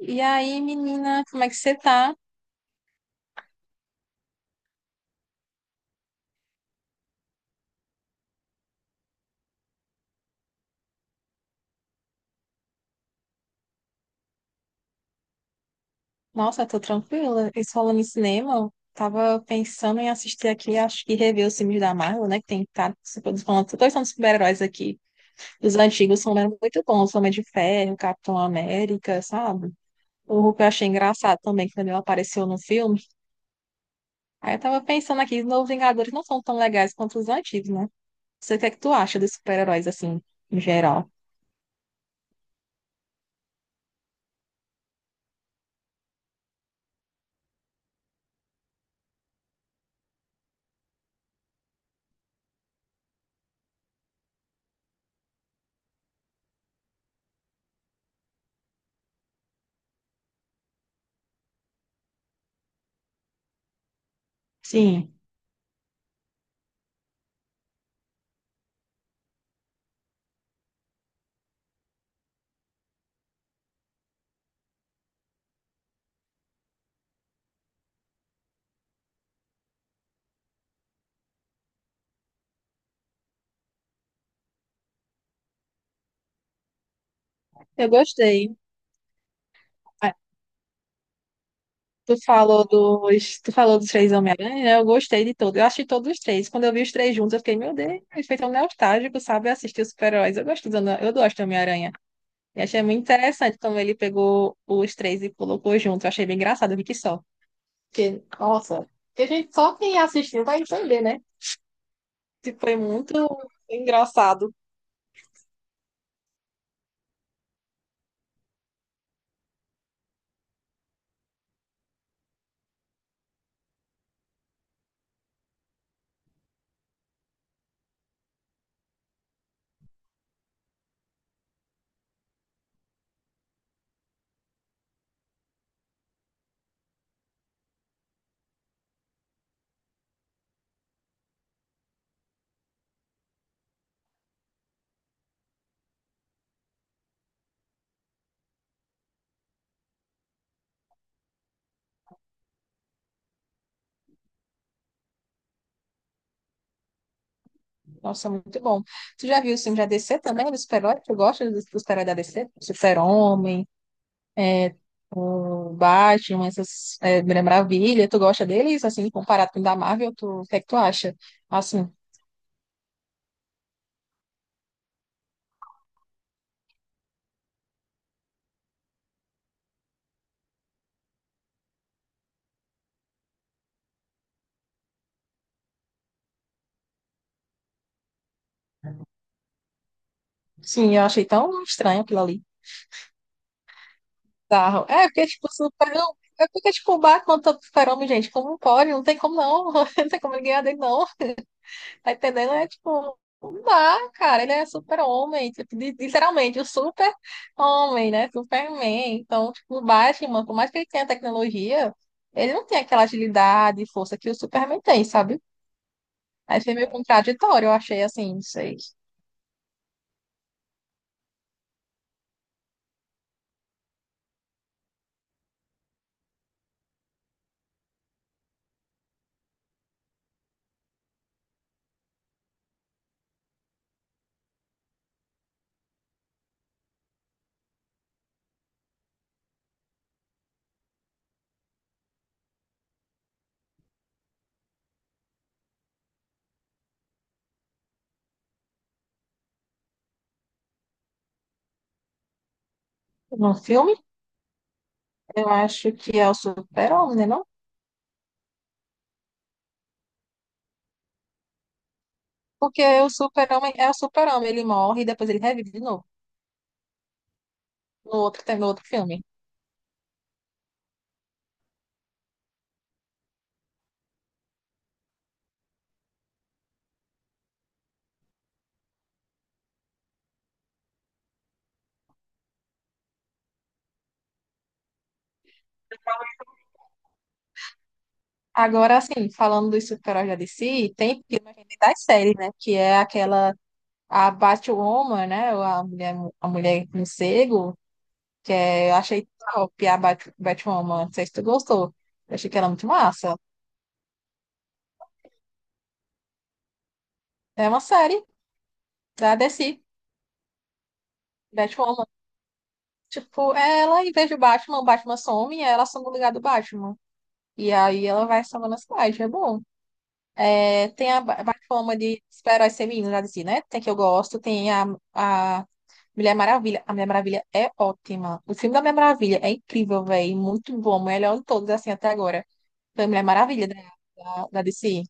E aí, menina, como é que você tá? Nossa, tô tranquila. E falando em cinema, eu tava pensando em assistir aqui, acho que rever os filmes da Marvel, né? Que tem, tá, se todos falando, todos são super-heróis aqui. Os antigos são muito bons, Homem de Ferro, Capitão América, sabe? O Hulk eu achei engraçado também, quando ele apareceu no filme. Aí eu tava pensando aqui, os novos Vingadores não são tão legais quanto os antigos, né? Você, o que é que tu acha dos super-heróis, assim, em geral? Sim, eu gostei. Ah, tu falou dos três Homem-Aranha, né? Eu gostei de todos. Eu achei todos os três. Quando eu vi os três juntos, eu fiquei, meu Deus, feito um nostálgico, sabe? Assistir os super-heróis. Eu gosto do Homem-Aranha. E achei muito interessante como ele pegou os três e colocou junto. Eu achei bem engraçado, eu vi que só. Porque, nossa, que a gente só quem assistiu vai entender, né? E foi muito engraçado. Nossa, muito bom. Tu já viu o filme da D C também, do super-herói? Tu gosta dos do super-herói da D C, Super-Homem, o Batman, essas é, Mulher Maravilha. Tu gosta deles, assim, comparado com o da Marvel? Tu, o que é que tu acha? Assim, sim, eu achei tão estranho aquilo ali. Bizarro. É, porque, tipo, super. É porque, tipo, o Batman, todo super-homem, gente, como pode? Não tem como não. Não tem como ele ganhar dele, não. Tá entendendo? É tipo, não dá, cara. Ele é super-homem. Tipo, literalmente, o super-homem, né? Superman. Então, tipo, o Batman, por mais que ele tenha tecnologia, ele não tem aquela agilidade e força que o Superman tem, sabe? Aí foi meio contraditório, eu achei assim, não sei. No filme, eu acho que é o super-homem, né? Não? Porque o super-homem é o super-homem. Ele morre e depois ele revive de novo. No outro filme. Agora, assim, falando dos super-heróis da DC, tem filme das séries, né? Que é aquela a Batwoman, né? Ou a mulher, a mulher morcego, é, eu achei top a Batwoman. Não sei se tu gostou. Eu achei que ela é muito massa. É uma série da DC, Batwoman. Tipo, ela, em vez de Batman, o Batman some, ela some no lugar do Batman. E aí ela vai salvando a cidade, é bom. É, tem a Batwoman de super-heróis femininos da DC, né? Tem que eu gosto, tem a Mulher Maravilha. A Mulher Maravilha é ótima. O filme da Mulher Maravilha é incrível, velho. Muito bom. Melhor de todos, assim, até agora. Foi Mulher Maravilha da DC.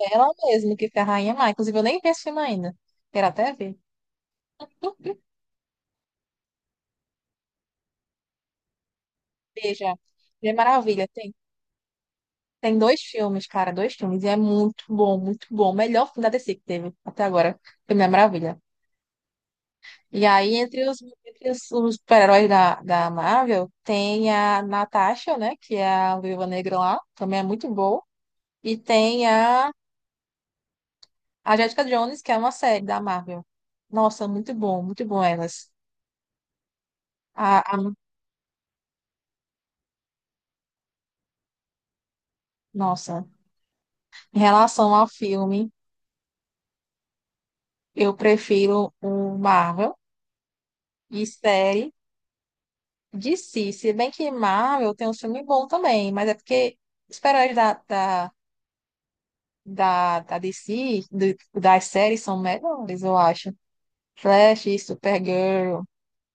Ela mesma que foi a Rainha lá. Inclusive, eu nem vi esse filme ainda. Quero até ver. Veja, Mulher Maravilha. Tem dois filmes, cara, dois filmes. E é muito bom, muito bom. O melhor filme da DC que teve até agora. Foi Mulher Maravilha. E aí, entre os super-heróis da Marvel, tem a Natasha, né? Que é a Viúva Negra lá. Também é muito boa. E tem a Jessica Jones, que é uma série da Marvel. Nossa, muito bom elas. A, a- nossa. Em relação ao filme, eu prefiro o Marvel e série DC. Se bem que Marvel tem um filme bom também, mas é porque os super-heróis da DC, das séries, são melhores, eu acho. Flash, Supergirl,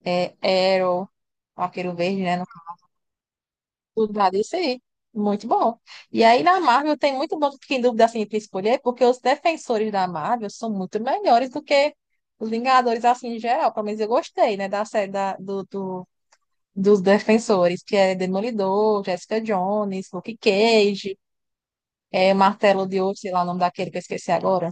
é, Arrow, Arqueiro Verde, né? Estudar isso aí. Muito bom. E aí na Marvel tem muito bom, fiquei em dúvida assim entre escolher, porque os defensores da Marvel são muito melhores do que os Vingadores assim em geral. Pelo menos eu gostei, né, da série da, do, do- dos defensores, que é Demolidor, Jessica Jones, Luke Cage, é Martelo de Ouro, sei lá o nome daquele que eu esqueci agora.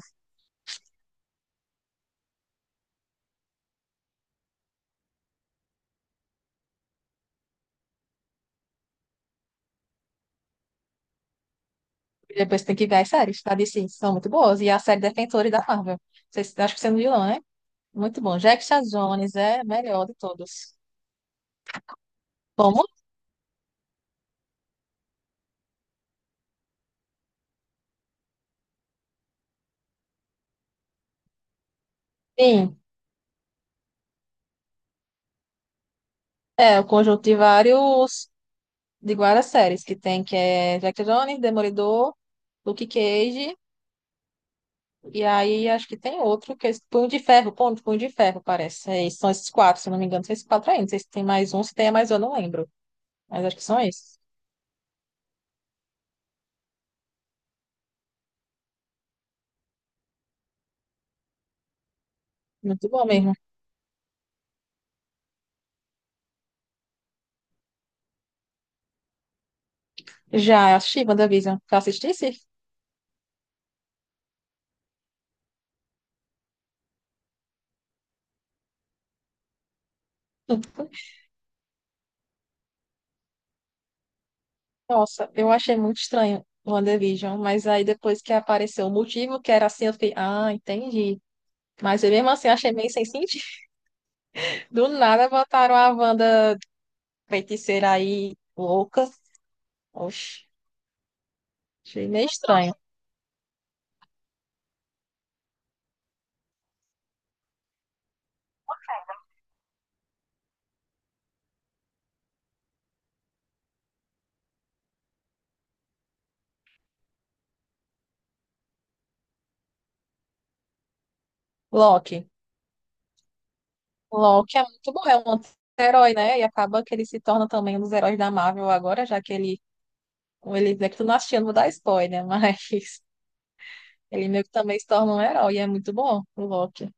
E depois tem que ver as séries, tá? Disse, são muito boas. E a série Defensores da Marvel. Vocês, acho que você não viu, não, né? Muito bom. Jessica Jones é a melhor de todos. Como? Sim. É, o conjunto de vários, de várias séries que tem, que é Jack Jones, Demolidor, Luke Cage, e aí acho que tem outro, que é esse Punho de Ferro, Punho de Ferro, parece. É, são esses quatro, se eu não me engano, são esses quatro ainda. Não sei se tem mais um, eu não lembro. Mas acho que são esses. Muito bom mesmo. Já assisti WandaVision. Já assistisse? Nossa, eu achei muito estranho o WandaVision, mas aí depois que apareceu o motivo, que era assim, eu fiquei, ah, entendi. Mas eu mesmo assim achei meio sem sentido. Do nada botaram a Wanda feiticeira aí louca. Oxe, achei meio estranho. Loki. Loki é muito bom, é um anti-herói, né? E acaba que ele se torna também um dos heróis da Marvel agora, já que ele é que tu não assistiu, não vou dar spoiler, mas ele meio que também se torna um herói, e é muito bom o Loki.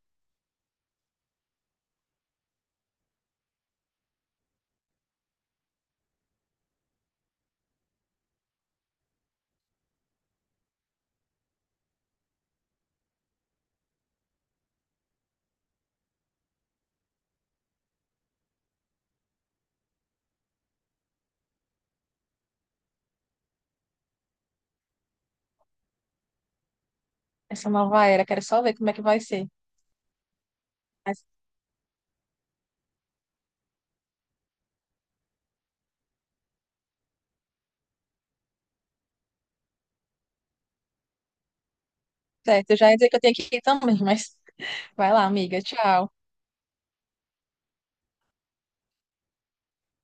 Essa nova era, quero só ver como é que vai ser. Mas, certo, eu já ia dizer que eu tenho que ir também, mas vai lá, amiga. Tchau.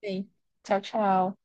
Sim. Tchau, tchau.